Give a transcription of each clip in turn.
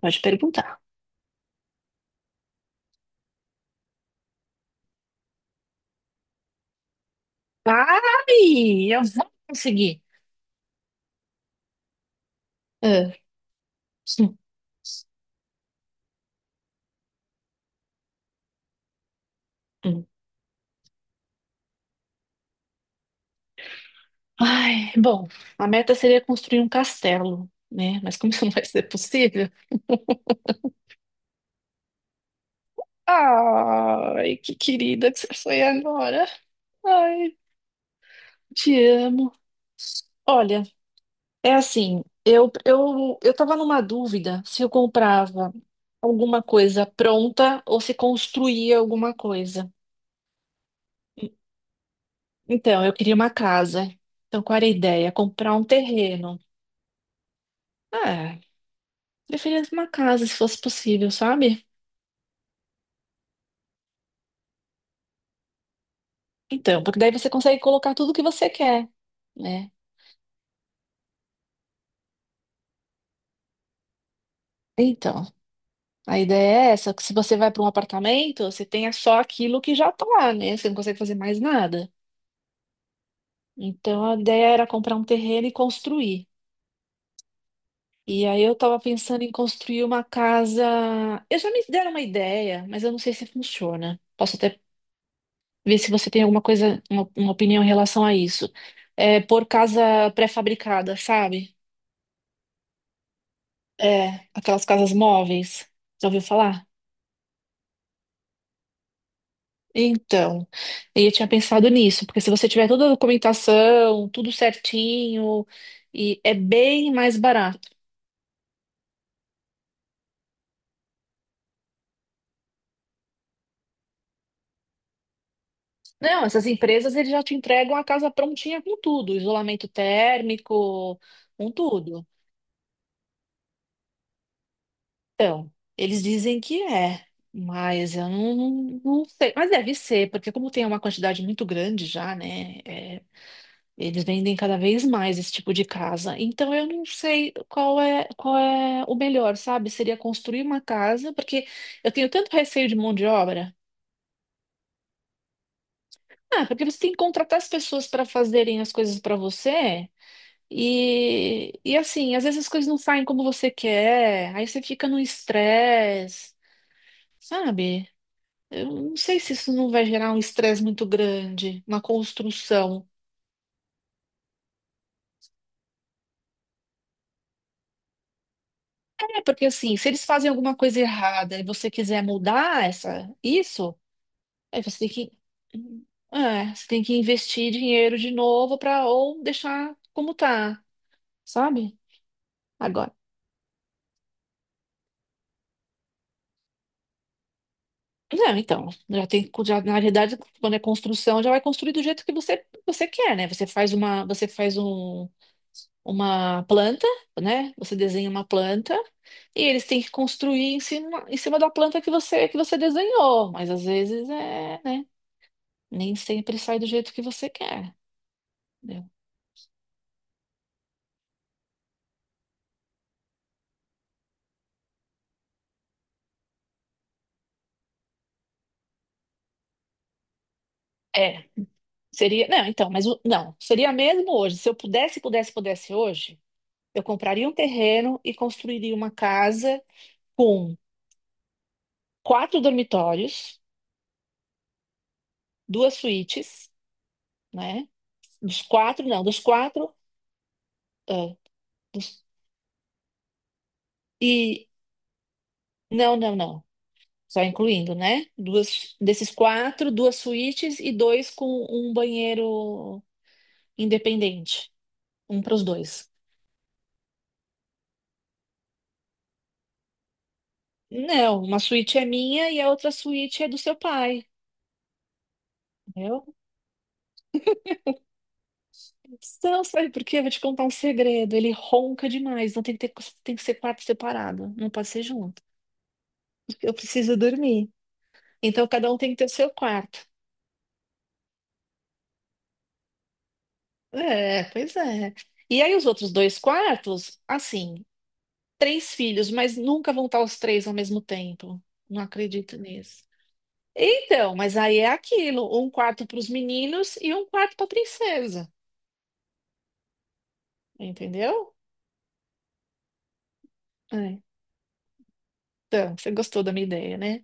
Pode perguntar. Ai, eu vou conseguir. Ah, hum, hum. Ai, bom, a meta seria construir um castelo, né? Mas como isso não vai ser possível? Ai, que querida que você foi agora. Ai, te amo. Olha, é assim, eu tava numa dúvida se eu comprava alguma coisa pronta ou se construía alguma coisa. Então, eu queria uma casa. Então, qual era a ideia? Comprar um terreno. Ah, preferia uma casa, se fosse possível, sabe? Então, porque daí você consegue colocar tudo que você quer, né? Então, a ideia é essa, que se você vai para um apartamento, você tenha só aquilo que já está lá, né? Você não consegue fazer mais nada. Então, a ideia era comprar um terreno e construir. E aí eu estava pensando em construir uma casa. Eu já me deram uma ideia, mas eu não sei se funciona. Posso até ver se você tem alguma coisa, uma opinião em relação a isso. É por casa pré-fabricada, sabe? É, aquelas casas móveis. Já ouviu falar? Então, eu tinha pensado nisso, porque se você tiver toda a documentação, tudo certinho, e é bem mais barato. Não, essas empresas eles já te entregam a casa prontinha com tudo, isolamento térmico, com tudo. Então, eles dizem que é, mas eu não sei. Mas deve ser, porque como tem uma quantidade muito grande já, né? Eles vendem cada vez mais esse tipo de casa. Então eu não sei qual é o melhor, sabe? Seria construir uma casa, porque eu tenho tanto receio de mão de obra. Ah, porque você tem que contratar as pessoas para fazerem as coisas para você. E assim, às vezes as coisas não saem como você quer, aí você fica no estresse, sabe? Eu não sei se isso não vai gerar um estresse muito grande, uma construção. É, porque assim, se eles fazem alguma coisa errada e você quiser mudar essa, isso, aí você tem que investir dinheiro de novo para ou deixar como tá, sabe? Agora. Não, então, já tem, já, na verdade, quando é construção, já vai construir do jeito que você quer, né? Você faz uma planta, né? Você desenha uma planta e eles têm que construir em cima da planta que você desenhou, mas às vezes é, né? Nem sempre sai do jeito que você quer. Né? É, seria. Não, então, mas não, seria mesmo hoje. Se eu pudesse hoje, eu compraria um terreno e construiria uma casa com quatro dormitórios, duas suítes, né? Dos quatro, não, dos quatro. ah, dos- e. Não, não, não. Só incluindo, né? Duas, desses quatro, duas suítes e dois com um banheiro independente. Um para os dois. Não, uma suíte é minha e a outra suíte é do seu pai. Entendeu? Não, sabe por quê? Eu vou te contar um segredo. Ele ronca demais, então tem que ter, tem que ser quarto separado, não pode ser junto. Eu preciso dormir. Então cada um tem que ter o seu quarto. É, pois é. E aí os outros dois quartos, assim, três filhos, mas nunca vão estar os três ao mesmo tempo. Não acredito nisso. Então, mas aí é aquilo, um quarto para os meninos e um quarto para a princesa, entendeu? É. Então, você gostou da minha ideia, né?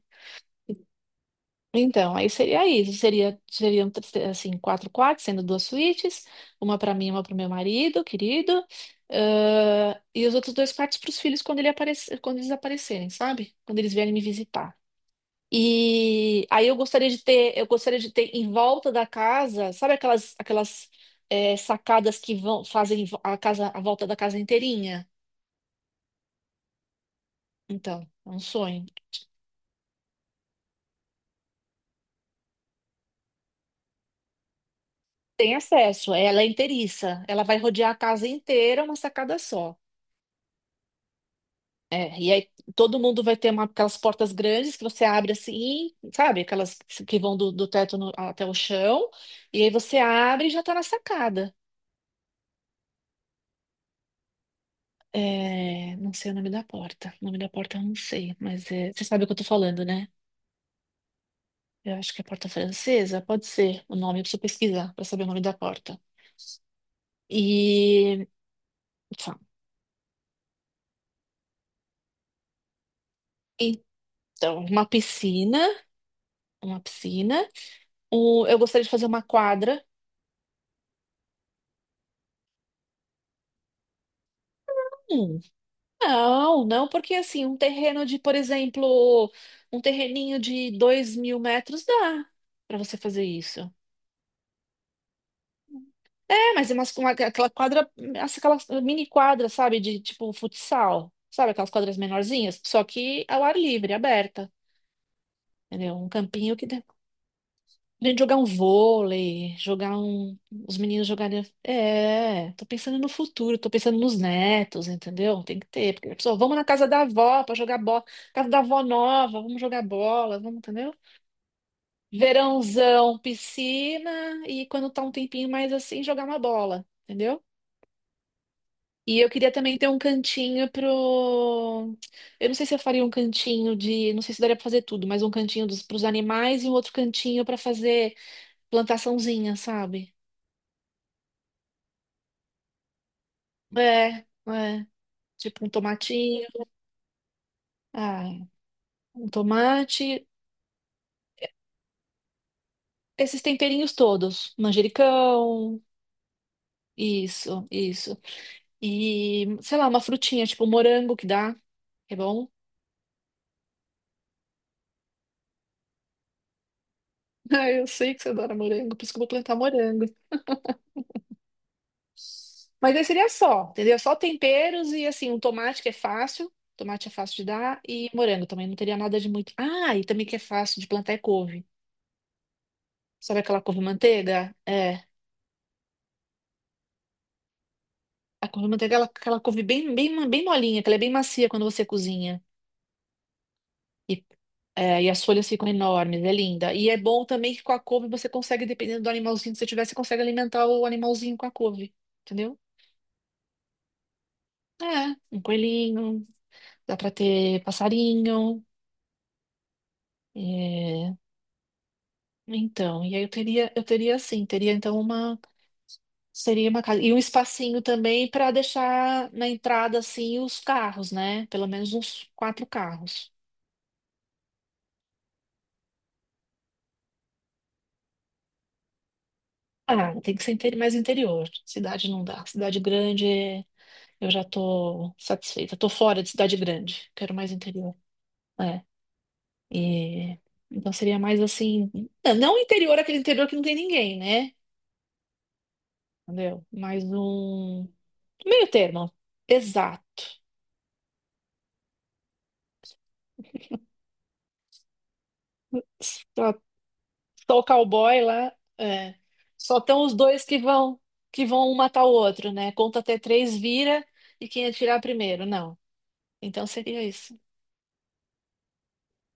Então, aí seria isso. Seria, seriam, assim, quatro quartos, sendo duas suítes. Uma para mim, e uma para o meu marido, querido. Ah, e os outros dois quartos para os filhos quando, ele aparecer, quando eles aparecerem, sabe? Quando eles vierem me visitar. E aí eu gostaria de ter em volta da casa, sabe aquelas sacadas que vão, fazem a casa, a volta da casa inteirinha? Então, é um sonho. Tem acesso, é, ela é inteiriça, ela vai rodear a casa inteira, uma sacada só. É, e aí todo mundo vai ter uma, aquelas portas grandes que você abre assim, sabe? Aquelas que vão do teto até o chão, e aí você abre e já tá na sacada. É, não sei o nome da porta. O nome da porta eu não sei, mas é, você sabe o que eu tô falando, né? Eu acho que é porta francesa, pode ser o nome, eu preciso pesquisar pra saber o nome da porta. E, tá. Então, uma piscina, uma piscina. Um, eu gostaria de fazer uma quadra. Hum, não, não, porque assim, um terreno de, por exemplo, um terreninho de 2.000 metros dá pra você fazer isso. É, mas é uma, aquela quadra, aquela mini quadra, sabe, de tipo futsal, sabe, aquelas quadras menorzinhas, só que ao ar livre, aberta, entendeu? Um campinho que dá. A gente jogar um vôlei, jogar um. Os meninos jogarem. É, tô pensando no futuro, tô pensando nos netos, entendeu? Tem que ter. Porque a pessoa, vamos na casa da avó pra jogar bola. Casa da avó nova, vamos jogar bola, vamos, entendeu? Verãozão, piscina e quando tá um tempinho mais assim, jogar uma bola, entendeu? E eu queria também ter um cantinho pro. Eu não sei se eu faria um cantinho de. Não sei se daria pra fazer tudo, mas um cantinho dos pros animais e um outro cantinho pra fazer plantaçãozinha, sabe? É, é. Tipo um tomatinho. Ah, um tomate. Esses temperinhos todos. Manjericão. Isso, isso. E, sei lá, uma frutinha, tipo um morango que dá. Que é bom? Ah, eu sei que você adora morango, por isso que eu vou plantar morango. Mas aí seria só, entendeu? Só temperos e assim, um tomate que é fácil. Tomate é fácil de dar. E morango também, não teria nada de muito. Ah, e também que é fácil de plantar é couve. Sabe aquela couve-manteiga? É. A couve de manteiga, ela, aquela couve bem, bem, bem molinha, que ela é bem macia quando você cozinha. E, e as folhas ficam enormes, é linda. E é bom também que com a couve você consegue, dependendo do animalzinho que você tiver, você consegue alimentar o animalzinho com a couve, entendeu? É, um coelhinho, dá pra ter passarinho. É, então, e aí eu teria assim, teria então uma, seria uma casa. E um espacinho também para deixar na entrada, assim, os carros, né? Pelo menos uns quatro carros. Ah, tem que ser interi- mais interior. Cidade não dá. Cidade grande, é, eu já tô satisfeita. Tô fora de cidade grande. Quero mais interior. É. E então seria mais assim, não não interior, aquele interior que não tem ninguém, né? Entendeu? Mais um meio termo. Exato. Só, só o cowboy lá, é. Só estão os dois que vão um matar o outro, né? Conta até três, vira e quem atirar primeiro. Não. Então seria isso.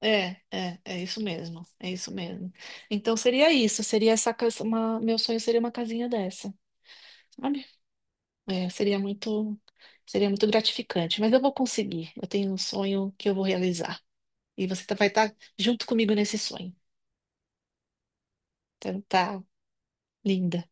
É, é, é isso mesmo, é isso mesmo. Então seria isso, seria essa casa, meu sonho seria uma casinha dessa, sabe? É, seria muito gratificante, mas eu vou conseguir. Eu tenho um sonho que eu vou realizar e você vai estar junto comigo nesse sonho. Então tá, linda.